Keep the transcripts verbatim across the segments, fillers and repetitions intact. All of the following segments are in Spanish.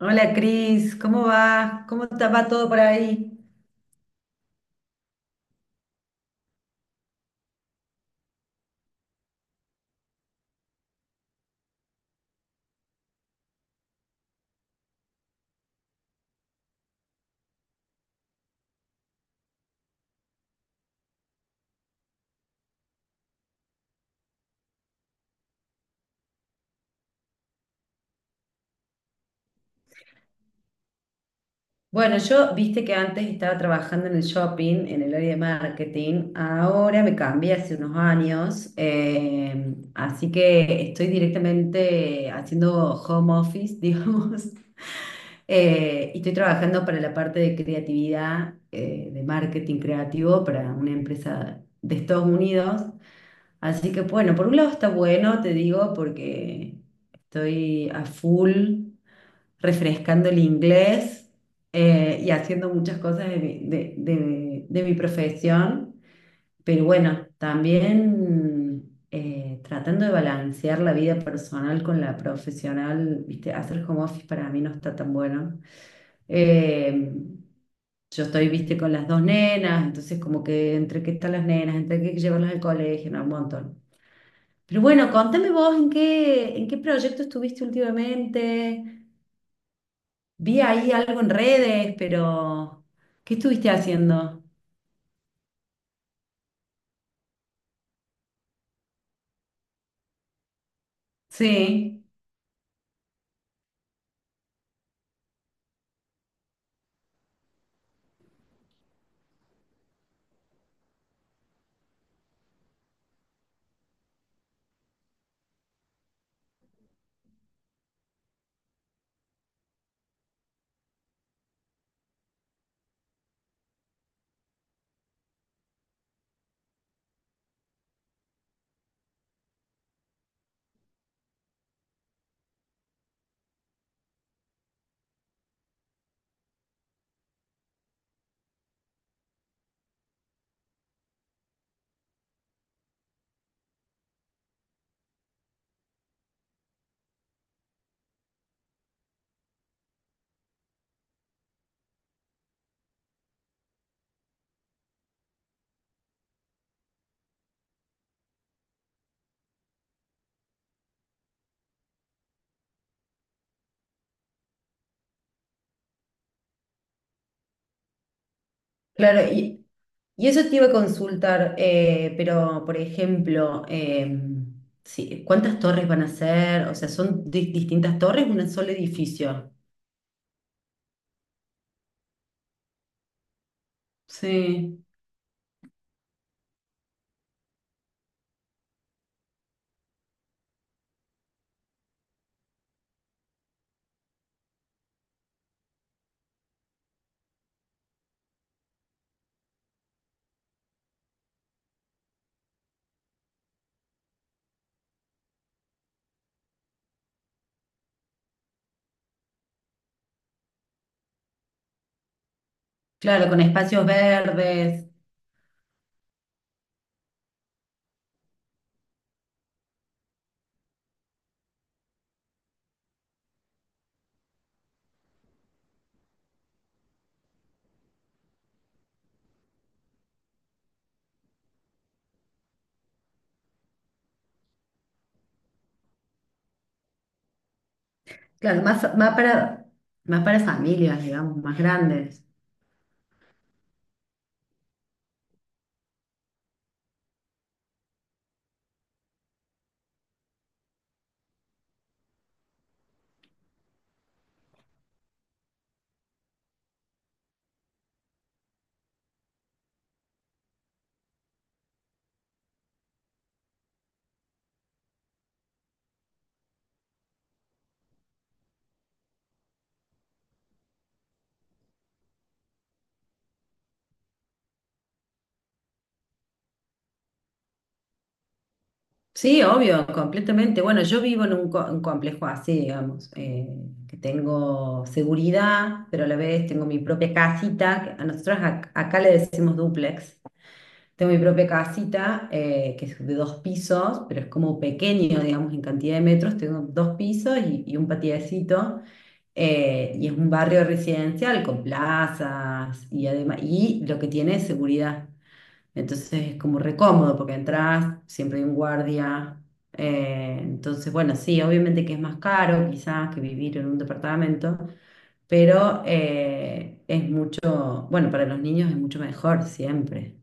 Hola Cris, ¿cómo va? ¿Cómo te va todo por ahí? Bueno, yo viste que antes estaba trabajando en el shopping, en el área de marketing. Ahora me cambié hace unos años, eh, así que estoy directamente haciendo home office, digamos. Eh, y estoy trabajando para la parte de creatividad, eh, de marketing creativo para una empresa de Estados Unidos. Así que bueno, por un lado está bueno, te digo, porque estoy a full refrescando el inglés eh, y haciendo muchas cosas de mi, de- de- de mi profesión. Pero bueno, también eh, tratando de balancear la vida personal con la profesional, ¿viste? Hacer home office para mí no está tan bueno. Eh, yo estoy, viste, con las dos nenas, entonces como que entre qué están las nenas, entre qué llevarlas al colegio, no, un montón. Pero bueno, contame vos en qué, en qué proyecto estuviste últimamente. Vi ahí algo en redes, pero ¿qué estuviste haciendo? Sí. Claro, y, y eso te iba a consultar, eh, pero por ejemplo, em, sí, ¿cuántas torres van a ser? O sea, ¿son di- distintas torres, un solo edificio? Sí, claro, con espacios verdes, claro, más, más para, más para familias, digamos, más grandes. Sí, obvio, completamente. Bueno, yo vivo en un, co- un complejo así, digamos, eh, que tengo seguridad, pero a la vez tengo mi propia casita, que a nosotros ac- acá le decimos dúplex. Tengo mi propia casita, eh, que es de dos pisos, pero es como pequeño, digamos, en cantidad de metros. Tengo dos pisos y, y un patiecito. Eh, y es un barrio residencial con plazas y además, y lo que tiene es seguridad. Entonces es como recómodo porque entras, siempre hay un guardia. Eh, entonces, bueno, sí, obviamente que es más caro quizás que vivir en un departamento, pero eh, es mucho, bueno, para los niños es mucho mejor siempre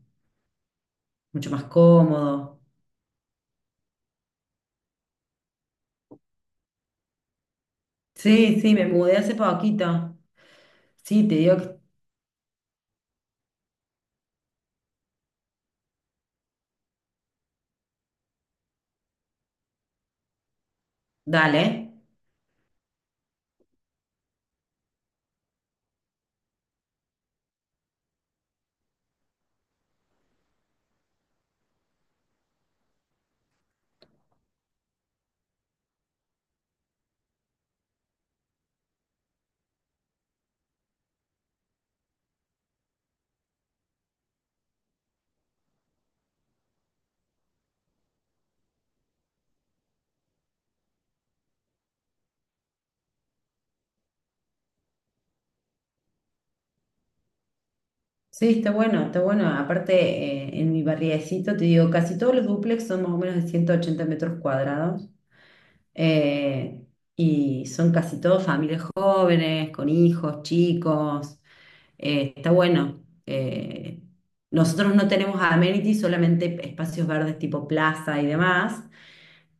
mucho más cómodo. Sí, sí, me mudé hace poquito. Sí, te digo que... Dale. Sí, está bueno, está bueno. Aparte, eh, en mi barriecito, te digo, casi todos los dúplex son más o menos de ciento ochenta metros cuadrados. Eh, y son casi todos familias jóvenes, con hijos, chicos. Eh, está bueno. Eh, nosotros no tenemos amenities, solamente espacios verdes tipo plaza y demás,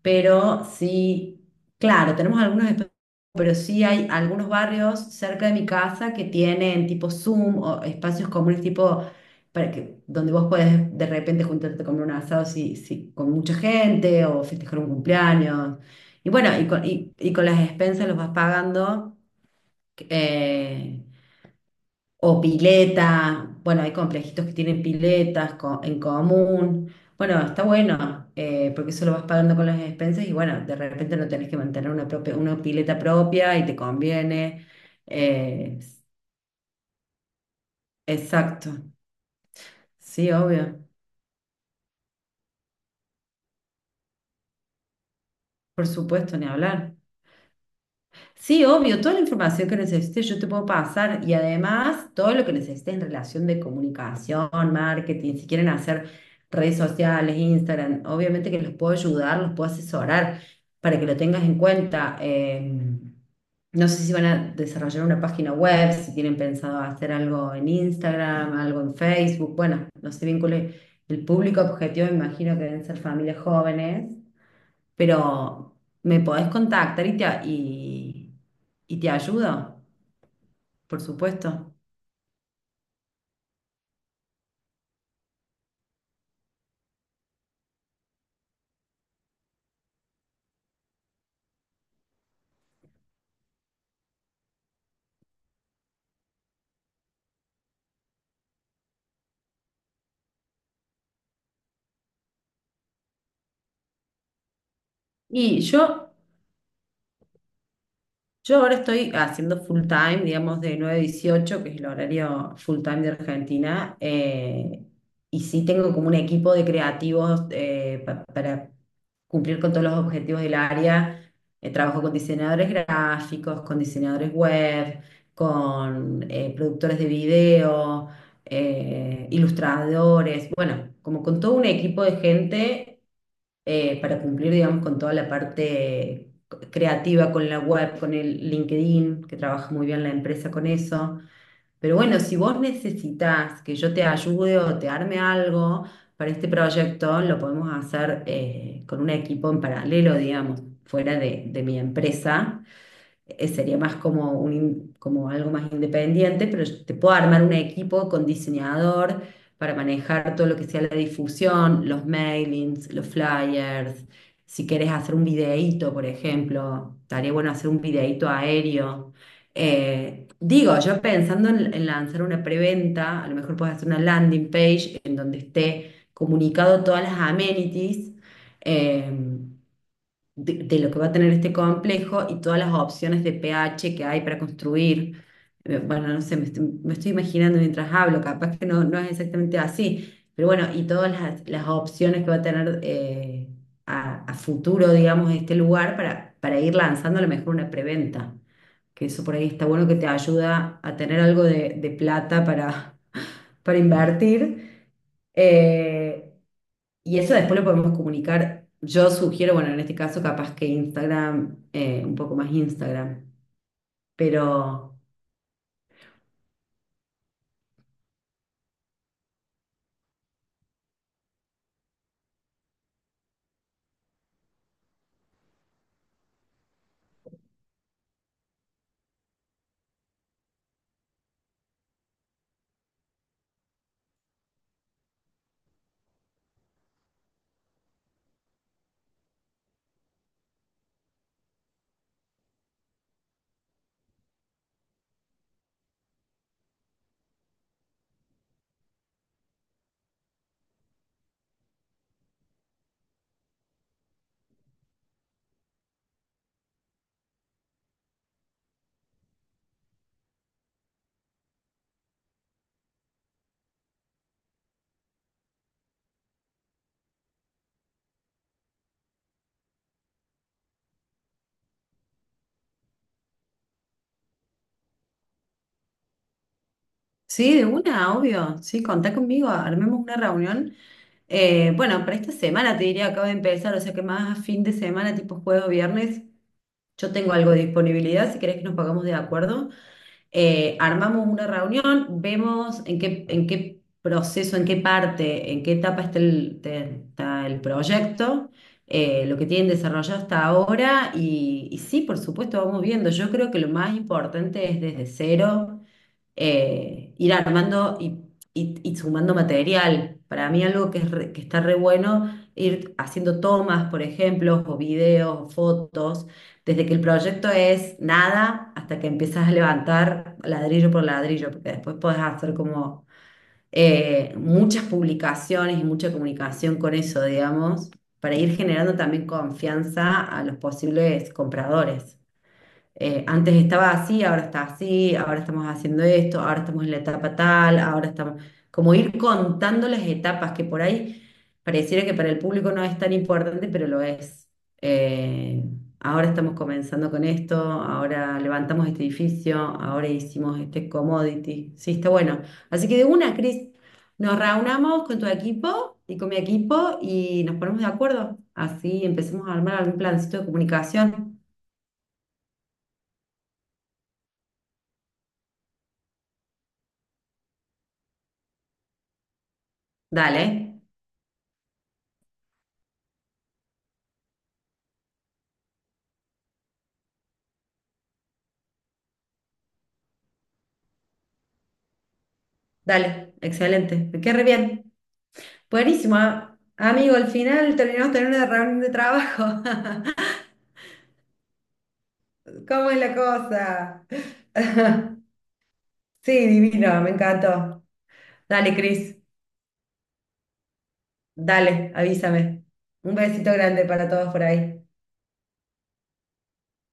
pero sí, claro, tenemos algunos espacios, pero sí hay algunos barrios cerca de mi casa que tienen tipo Zoom o espacios comunes tipo para que, donde vos podés de repente juntarte a comer un asado si, si- con mucha gente o festejar un cumpleaños. Y bueno, y con, y, y con las expensas los vas pagando, eh, o pileta, bueno, hay complejitos que tienen piletas co- en común. Bueno, está bueno, eh, porque eso lo vas pagando con las expensas y bueno, de repente no tenés que mantener una propia, una pileta propia y te conviene. Eh, exacto, sí, obvio, por supuesto, ni hablar. Sí, obvio, toda la información que necesites yo te puedo pasar y además todo lo que necesites en relación de comunicación, marketing, si quieren hacer redes sociales, Instagram, obviamente que los puedo ayudar, los puedo asesorar para que lo tengas en cuenta. Eh, no sé si van a desarrollar una página web, si tienen pensado hacer algo en Instagram, algo en Facebook, bueno, no sé bien el público objetivo, me imagino que deben ser familias jóvenes, pero me podés contactar y te, a- y, y te ayudo, por supuesto. Y yo Yo ahora estoy haciendo full time, digamos, de nueve a dieciocho, que es el horario full time de Argentina, eh, y sí tengo como un equipo de creativos eh, pa- para cumplir con todos los objetivos del área. Eh, trabajo con diseñadores gráficos, con diseñadores web, con eh, productores de video eh, ilustradores, bueno, como con todo un equipo de gente eh, para cumplir, digamos, con toda la parte creativa, con la web, con el LinkedIn, que trabaja muy bien la empresa con eso. Pero bueno, si vos necesitas que yo te ayude o te arme algo, para este proyecto lo podemos hacer eh, con un equipo en paralelo, digamos, fuera de, de mi empresa. Eh, sería más como, un, in- como algo más independiente, pero yo te puedo armar un equipo con diseñador para manejar todo lo que sea la difusión, los mailings, los flyers. Si quieres hacer un videíto, por ejemplo, estaría bueno hacer un videíto aéreo. Eh, digo, yo pensando en, en lanzar una preventa, a lo mejor puedes hacer una landing page en donde esté comunicado todas las amenities eh, de, de lo que va a tener este complejo y todas las opciones de pH que hay para construir. Eh, Bueno, no sé, me estoy, me estoy imaginando mientras hablo, capaz que no, no es exactamente así, pero bueno, y todas las, las opciones que va a tener eh, a, a futuro, digamos, este lugar para, para ir lanzando a lo mejor una preventa que eso por ahí está bueno que te ayuda a tener algo de, de plata para, para invertir. Eh, y eso después lo podemos comunicar. Yo sugiero, bueno, en este caso capaz que Instagram, eh, un poco más Instagram. Pero sí, de una, obvio. Sí, contá conmigo, armemos una reunión. Eh, bueno, para esta semana te diría, acabo de empezar, o sea que más a fin de semana, tipo jueves o viernes, yo tengo algo de disponibilidad, si querés que nos pagamos de acuerdo. Eh, armamos una reunión, vemos en qué, en qué proceso, en qué parte, en qué etapa está el, te- está el proyecto, eh, lo que tienen desarrollado hasta ahora y, y sí, por supuesto, vamos viendo. Yo creo que lo más importante es desde cero eh, ir armando y, y- y sumando material. Para mí algo que, es re- que está re bueno, ir haciendo tomas, por ejemplo, o videos, o fotos, desde que el proyecto es nada hasta que empiezas a levantar ladrillo por ladrillo, porque después podés hacer como eh, muchas publicaciones y mucha comunicación con eso, digamos, para ir generando también confianza a los posibles compradores eh, antes estaba así, ahora está así, ahora estamos haciendo esto, ahora estamos en la etapa tal, ahora estamos, como ir contando las etapas que por ahí pareciera que para el público no es tan importante, pero lo es. Eh, Ahora estamos comenzando con esto, ahora levantamos este edificio, ahora hicimos este commodity. Sí, está bueno. Así que de una, Cris, nos reunamos con tu equipo y con mi equipo y nos ponemos de acuerdo. Así empecemos a armar algún plancito de comunicación. Dale. Dale, excelente. Me quedé re bien. Buenísimo, a- amigo. Al final terminamos teniendo una reunión de trabajo. ¿Cómo es la cosa? Sí, divino, me encantó. Dale, Cris. Dale, avísame. Un besito grande para todos por ahí.